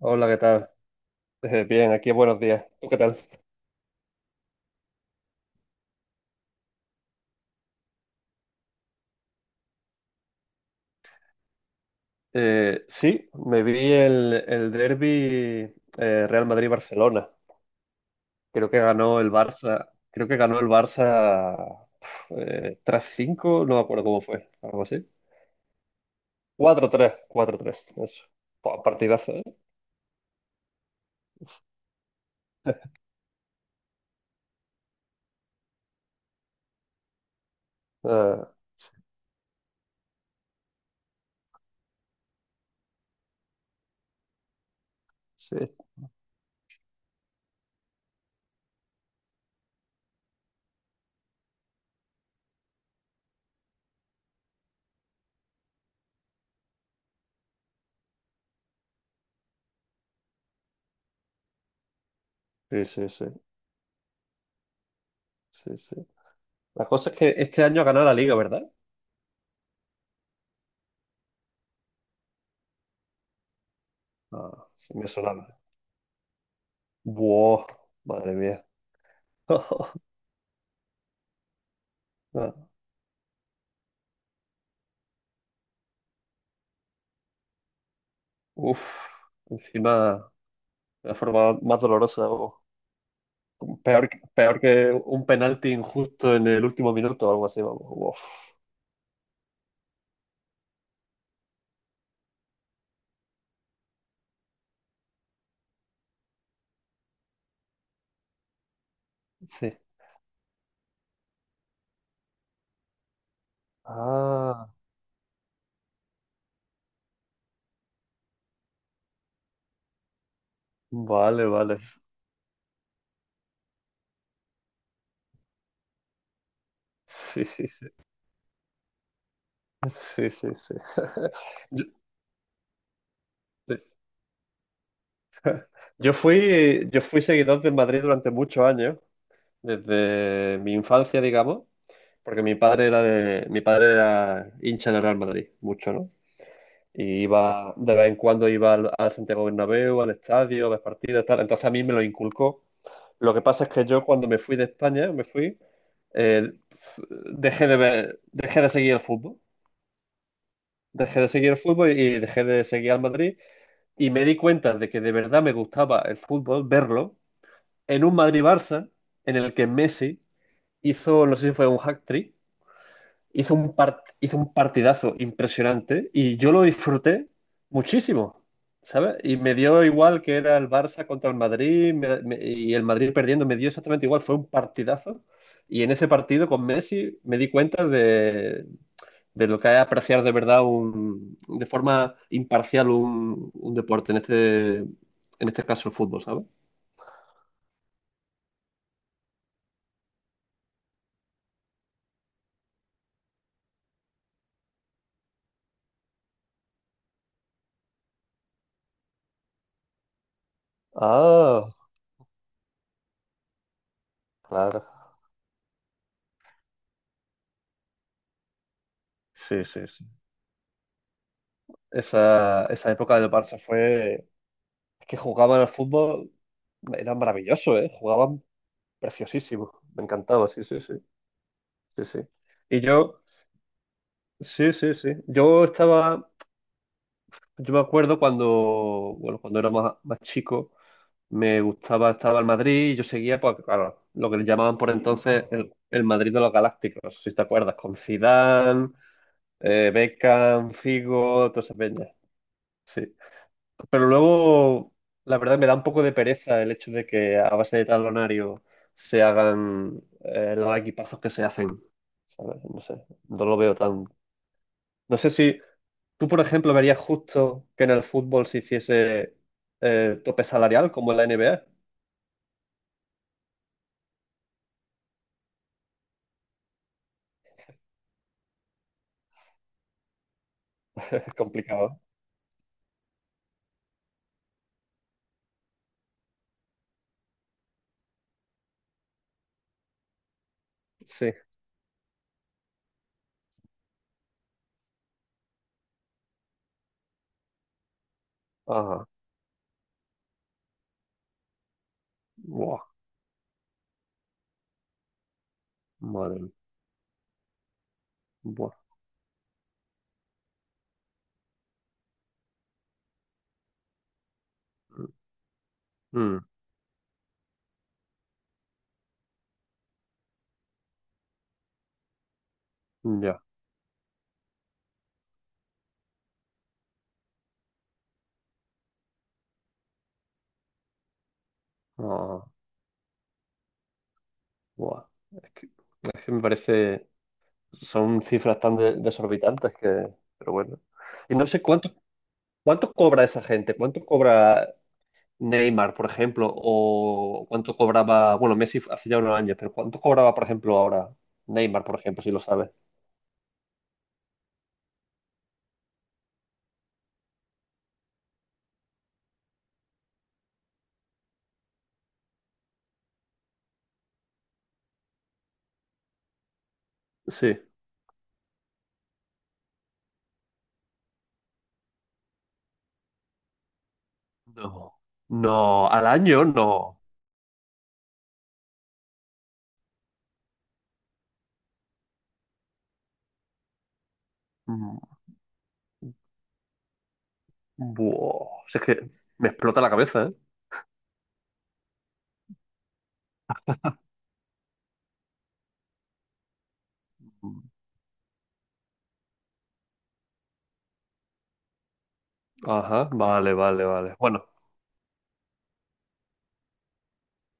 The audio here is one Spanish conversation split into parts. Hola, ¿qué tal? Bien, aquí buenos días. ¿Tú qué tal? Sí, me vi el derbi Real Madrid-Barcelona. Creo que ganó el Barça. Creo que ganó el Barça, 3-5, no me acuerdo cómo fue, algo así. Cuatro tres. Cuatro tres. Eso. Buah, partidazo, ¿eh? Ah, sí, sí, sí, sí, sí, sí. La cosa es que este año ha ganado la Liga, ¿verdad? Ah, sí, me sonaba. Buah, madre mía. Ah, uf, encima. La forma más dolorosa, vamos. Peor, peor que un penalti injusto en el último minuto o algo así, vamos. Uf, sí. Ah, vale, vale. Sí, sí, sí. Sí, sí, sí. Yo, yo fui seguidor del Madrid durante muchos años, desde mi infancia, digamos, porque mi padre era de, mi padre era hincha del Real Madrid, mucho, ¿no? Y iba, de vez en cuando iba al, al Santiago Bernabéu, al estadio, a las partidas, tal. Entonces a mí me lo inculcó. Lo que pasa es que yo, cuando me fui de España, me fui, eh, dejé de ver, dejé de seguir el fútbol. Dejé de seguir el fútbol y dejé de seguir al Madrid. Y me di cuenta de que de verdad me gustaba el fútbol, verlo, en un Madrid-Barça, en el que Messi hizo, no sé si fue un hat-trick, hizo un partidazo impresionante, y yo lo disfruté muchísimo, ¿sabes? Y me dio igual que era el Barça contra el Madrid, y el Madrid perdiendo, me dio exactamente igual, fue un partidazo. Y en ese partido con Messi me di cuenta de lo que es apreciar de verdad un, de forma imparcial un deporte, en este caso el fútbol, ¿sabes? Ah, claro. Sí, sí, sí. Esa época del Barça fue... Es que jugaban al fútbol, era maravilloso, ¿eh? Jugaban preciosísimo. Me encantaba, sí, sí, sí, sí, sí. Y yo, sí, sí, sí. Yo estaba, yo me acuerdo cuando, bueno, cuando era más, más chico, me gustaba, estaba el Madrid y yo seguía, pues, claro, lo que le llamaban por entonces el Madrid de los Galácticos, si te acuerdas, con Zidane, Beckham, Figo, toda esa peña. Sí. Pero luego, la verdad, me da un poco de pereza el hecho de que a base de talonario se hagan, los equipazos que se hacen. ¿Sabes? No sé, no lo veo tan... No sé si tú, por ejemplo, verías justo que en el fútbol se hiciese, tope salarial como en la NBA. Es complicado. Sí. Ajá. Buah, madre mía. Buah. Mm, ya. Ah, buah. Es que, es que me parece... Son cifras tan desorbitantes que, pero bueno. Y no sé cuánto, cuánto cobra esa gente, cuánto cobra Neymar, por ejemplo, o cuánto cobraba, bueno, Messi hace ya unos años, pero cuánto cobraba, por ejemplo, ahora Neymar, por ejemplo, si lo sabes. Sí. No. No, al año no. Mm, buah, si es que me explota la cabeza, ¿eh? Mm. Ajá, vale, vale, vale. Bueno,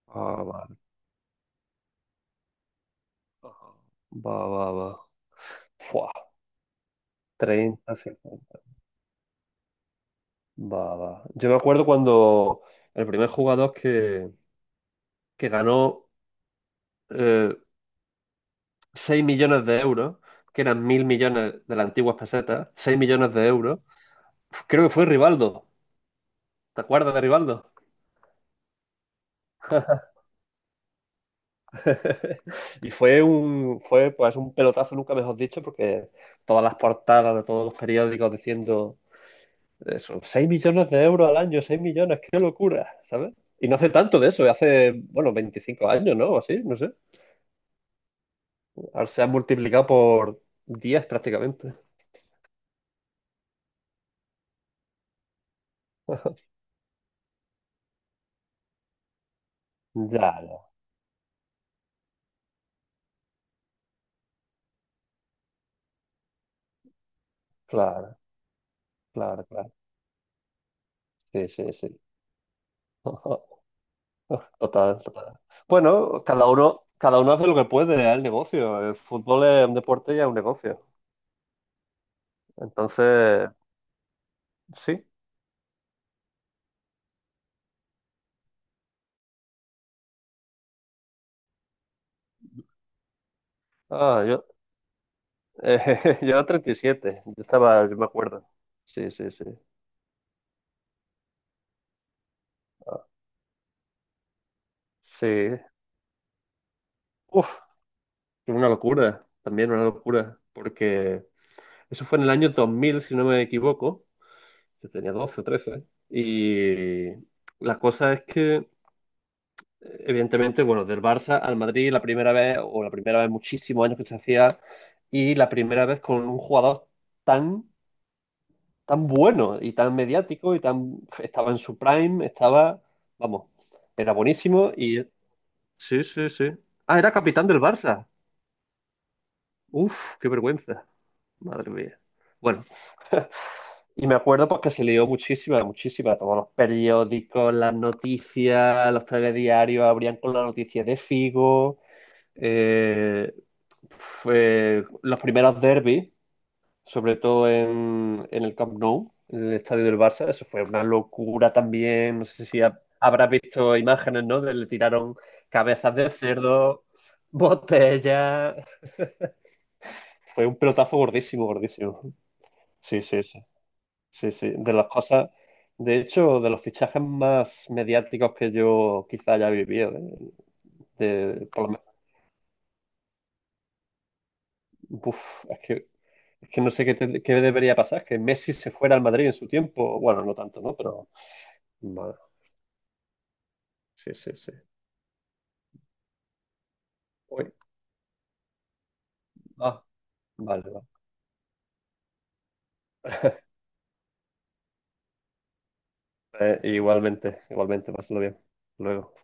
ah, vale. Ajá. Va, va, va. Fua, 30, 50. Va, va. Yo me acuerdo cuando el primer jugador que ganó, eh, 6 millones de euros, que eran 1.000 millones de las antiguas pesetas, 6 millones de euros, creo que fue Rivaldo. ¿Te acuerdas de Rivaldo? Y fue un, fue pues un pelotazo, nunca mejor dicho, porque todas las portadas de todos los periódicos diciendo eso, 6 millones de euros al año, 6 millones, qué locura, ¿sabes? Y no hace tanto de eso, hace, bueno, 25 años, ¿no? O así, no sé. Ahora se sea, multiplicado por 10 prácticamente. Ya, ya, claro, claro, claro. Sí, sí, sí. Total, total. Bueno, cada uno hace lo que puede, es el negocio. El fútbol es un deporte y es un negocio. Entonces, sí. Ah, yo, yo era 7, yo estaba, yo me acuerdo. Sí, sí, sí. Sí. Uf, una locura, también una locura, porque eso fue en el año 2000, si no me equivoco. Yo tenía 12, 13 Y la cosa es que, evidentemente, bueno, del Barça al Madrid la primera vez, o la primera vez muchísimos años que se hacía, y la primera vez con un jugador tan, tan bueno y tan mediático y tan... Estaba en su prime, estaba, vamos, era buenísimo y... Sí, sí, sí. Ah, era capitán del Barça. Uf, qué vergüenza. Madre mía. Bueno. Y me acuerdo porque se leyó muchísima, muchísima. Todos los periódicos, las noticias, los telediarios abrían con la noticia de Figo. eh, Fue los primeros derbis, sobre todo en el Camp Nou, en el estadio del Barça. Eso fue una locura también. No sé si habrás visto imágenes, ¿no? De le tiraron cabezas de cerdo, botellas. Fue un pelotazo gordísimo, gordísimo. Sí, sí, sí. Sí, sí, de las cosas, de hecho, de los fichajes más mediáticos que yo quizá haya vivido, de, de- por lo menos- uf, es que no sé qué, qué debería pasar, que Messi se fuera al Madrid en su tiempo, bueno, no tanto, ¿no? Pero, bueno, sí, sí, sí. Uy, ah, vale, vale. Igualmente, igualmente, pásalo bien. Luego.